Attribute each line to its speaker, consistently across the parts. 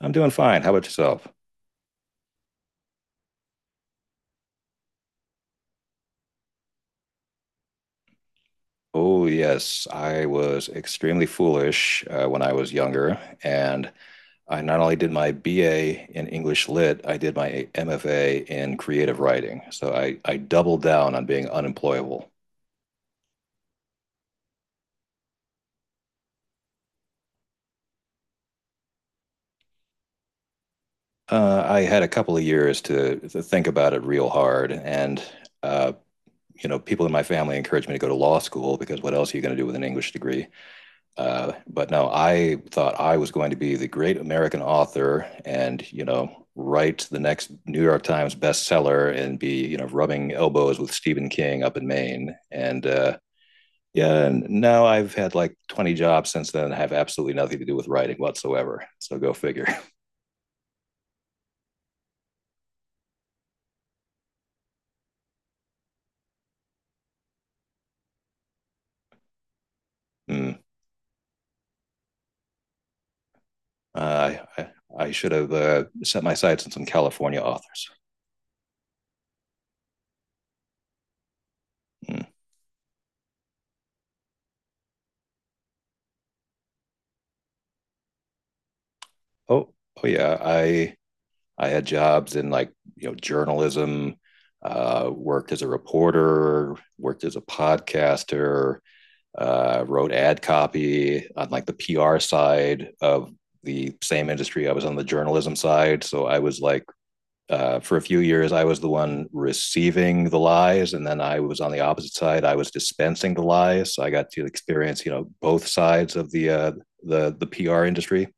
Speaker 1: I'm doing fine. How about yourself? Oh, yes. I was extremely foolish when I was younger. And I not only did my BA in English Lit, I did my MFA in creative writing. So I doubled down on being unemployable. I had a couple of years to think about it real hard. Uh, you know, people in my family encouraged me to go to law school because what else are you going to do with an English degree? But no, I thought I was going to be the great American author and, you know, write the next New York Times bestseller and be, you know, rubbing elbows with Stephen King up in Maine. And Yeah, and now I've had like 20 jobs since then and have absolutely nothing to do with writing whatsoever. So go figure. Mm. Uh, I, I should have set my sights on some California authors. Mm. Oh, oh yeah. I had jobs in like, you know, journalism, worked as a reporter, worked as a podcaster, wrote ad copy on like the PR side of the same industry. I was on the journalism side, so I was like, for a few years I was the one receiving the lies, and then I was on the opposite side. I was dispensing the lies, so I got to experience, you know, both sides of the the PR industry.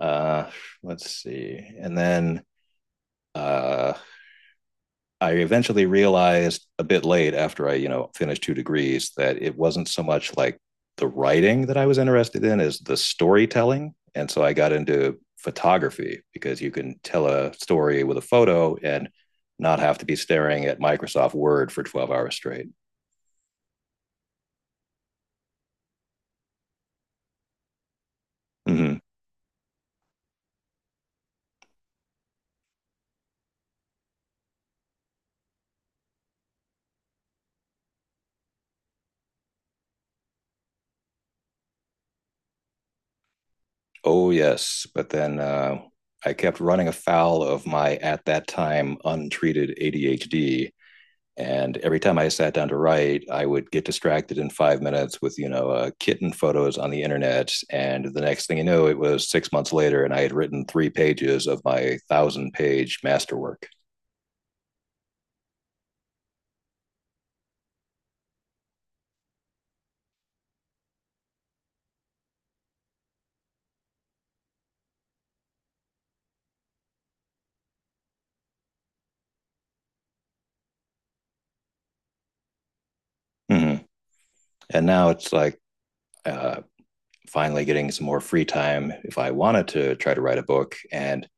Speaker 1: Uh, let's see, and then uh, I eventually realized a bit late after I, you know, finished 2 degrees that it wasn't so much like the writing that I was interested in as the storytelling. And so I got into photography because you can tell a story with a photo and not have to be staring at Microsoft Word for 12 hours straight. Mm-hmm. Oh, yes. But then I kept running afoul of my, at that time, untreated ADHD. And every time I sat down to write, I would get distracted in 5 minutes with, you know, kitten photos on the internet. And the next thing you know, it was 6 months later, and I had written 3 pages of my thousand page masterwork. Mm-hmm. And now it's like uh, finally getting some more free time if I wanted to try to write a book. And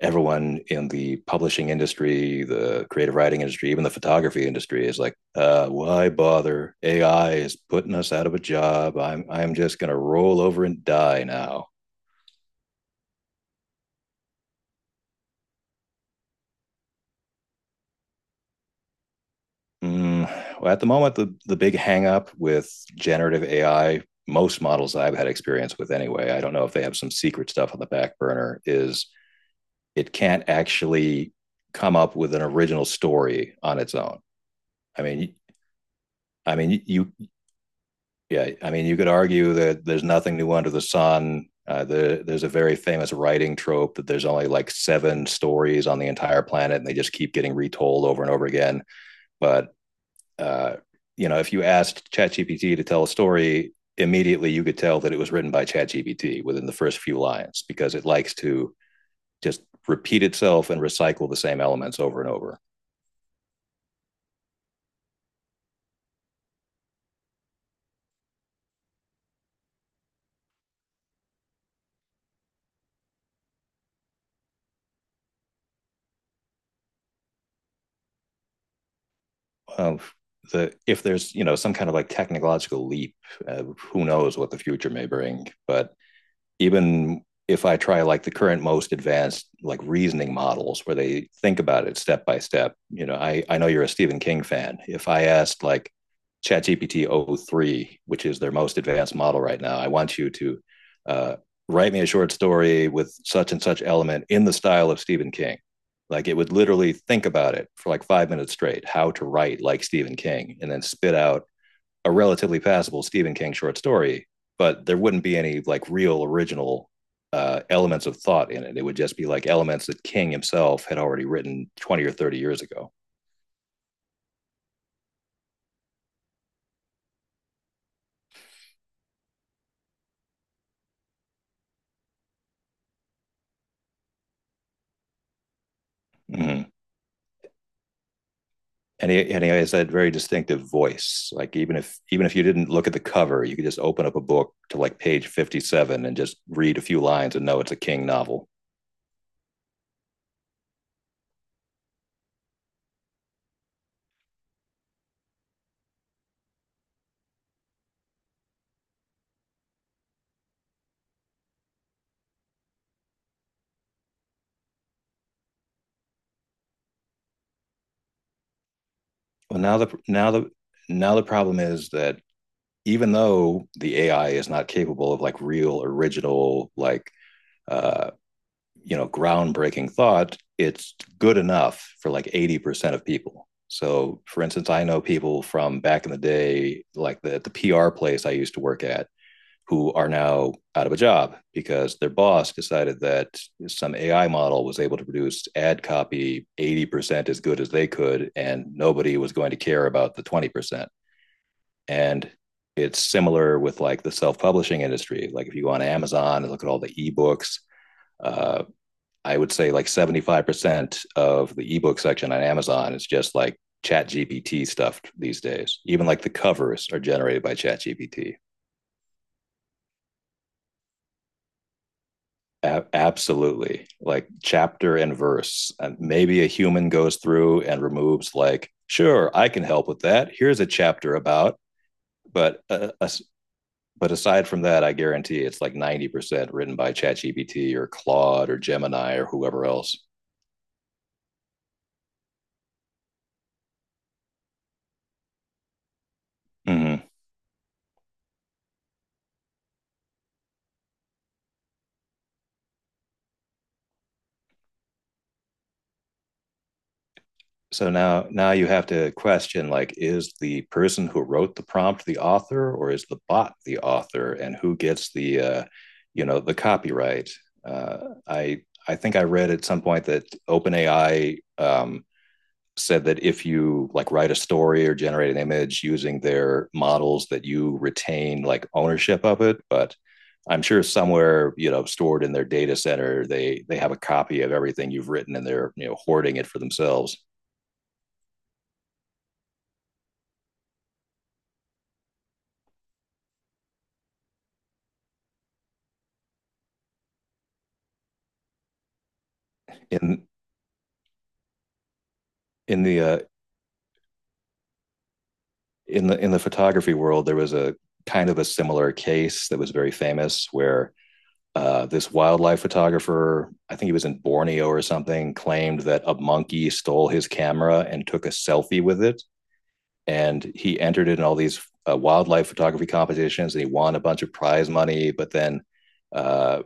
Speaker 1: everyone in the publishing industry, the creative writing industry, even the photography industry is like, why bother? AI is putting us out of a job. I'm just gonna roll over and die now. Mm, well, at the moment, the big hang up with generative AI, most models I've had experience with anyway, I don't know if they have some secret stuff on the back burner, is it can't actually come up with an original story on its own. I mean, I mean, you Yeah, I mean, you could argue that there's nothing new under the sun. There's a very famous writing trope that there's only like 7 stories on the entire planet, and they just keep getting retold over and over again. But uh, you know, if you asked ChatGPT to tell a story, immediately you could tell that it was written by ChatGPT within the first few lines because it likes to just repeat itself and recycle the same elements over and over. Um, the if there's, you know, some kind of like technological leap, who knows what the future may bring? But even if I try like the current most advanced like reasoning models where they think about it step by step, you know, I know you're a Stephen King fan. If I asked like ChatGPT o three, which is their most advanced model right now, I want you to uh, write me a short story with such and such element in the style of Stephen King. Like it would literally think about it for like 5 minutes straight, how to write like Stephen King, and then spit out a relatively passable Stephen King short story, but there wouldn't be any like real original elements of thought in it. It would just be like elements that King himself had already written 20 or 30 years ago. Mm-hmm. And he has that very distinctive voice. Like even if you didn't look at the cover, you could just open up a book to like page 57 and just read a few lines and know it's a King novel. Well, now the problem is that even though the AI is not capable of like real original, like, uh, you know, groundbreaking thought, it's good enough for like 80% of people. So for instance, I know people from back in the day, like the PR place I used to work at, who are now out of a job because their boss decided that some AI model was able to produce ad copy 80% as good as they could and nobody was going to care about the 20%. And it's similar with like the self-publishing industry. Like if you go on Amazon and look at all the ebooks, uh, I would say like 75% of the ebook section on Amazon is just like chat GPT stuff these days. Even like the covers are generated by chat GPT. Absolutely. Like chapter and verse. And maybe a human goes through and removes like, sure, I can help with that. Here's a chapter about, but uh, uh, but aside from that, I guarantee it's like 90% written by ChatGPT or Claude or Gemini or whoever else. Mm-hmm. So now you have to question, like, is the person who wrote the prompt the author or is the bot the author, and who gets the, you know, the copyright? Uh, i i think I read at some point that OpenAI, said that if you like write a story or generate an image using their models that you retain like ownership of it, but I'm sure somewhere, you know, stored in their data center, they have a copy of everything you've written and they're, you know, hoarding it for themselves. In in the uh, in the in the photography world, there was a kind of a similar case that was very famous where, this wildlife photographer, I think he was in Borneo or something, claimed that a monkey stole his camera and took a selfie with it, and he entered it in all these wildlife photography competitions, and he won a bunch of prize money, but then. Uh,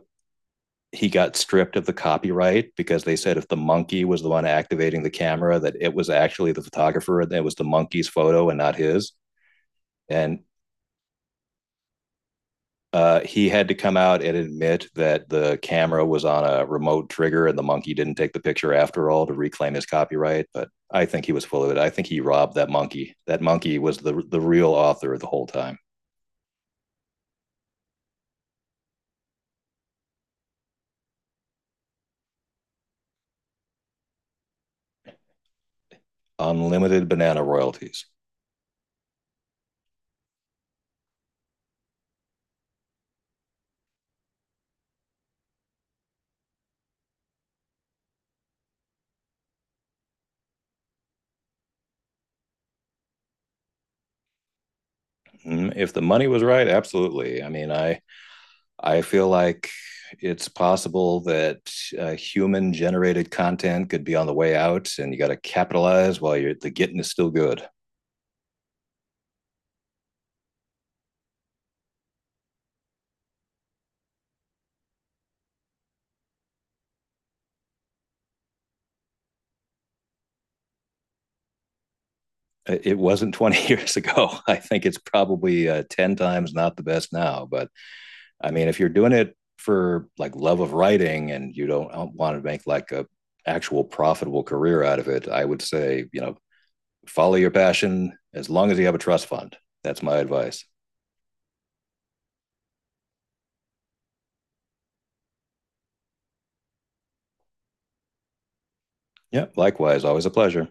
Speaker 1: he got stripped of the copyright because they said if the monkey was the one activating the camera, that it was actually the photographer and it was the monkey's photo and not his. And He had to come out and admit that the camera was on a remote trigger and the monkey didn't take the picture after all to reclaim his copyright. But I think he was full of it. I think he robbed that monkey. That monkey was the real author the whole time. Unlimited banana royalties. Mm, if the money was right, absolutely. I feel like it's possible that human generated content could be on the way out, and you got to capitalize while you're the getting is still good. It wasn't 20 years ago. I think it's probably 10 times not the best now. But I mean, if you're doing it for like love of writing and you don't want to make like a actual profitable career out of it, I would say, you know, follow your passion as long as you have a trust fund. That's my advice. Yeah. Likewise. Always a pleasure.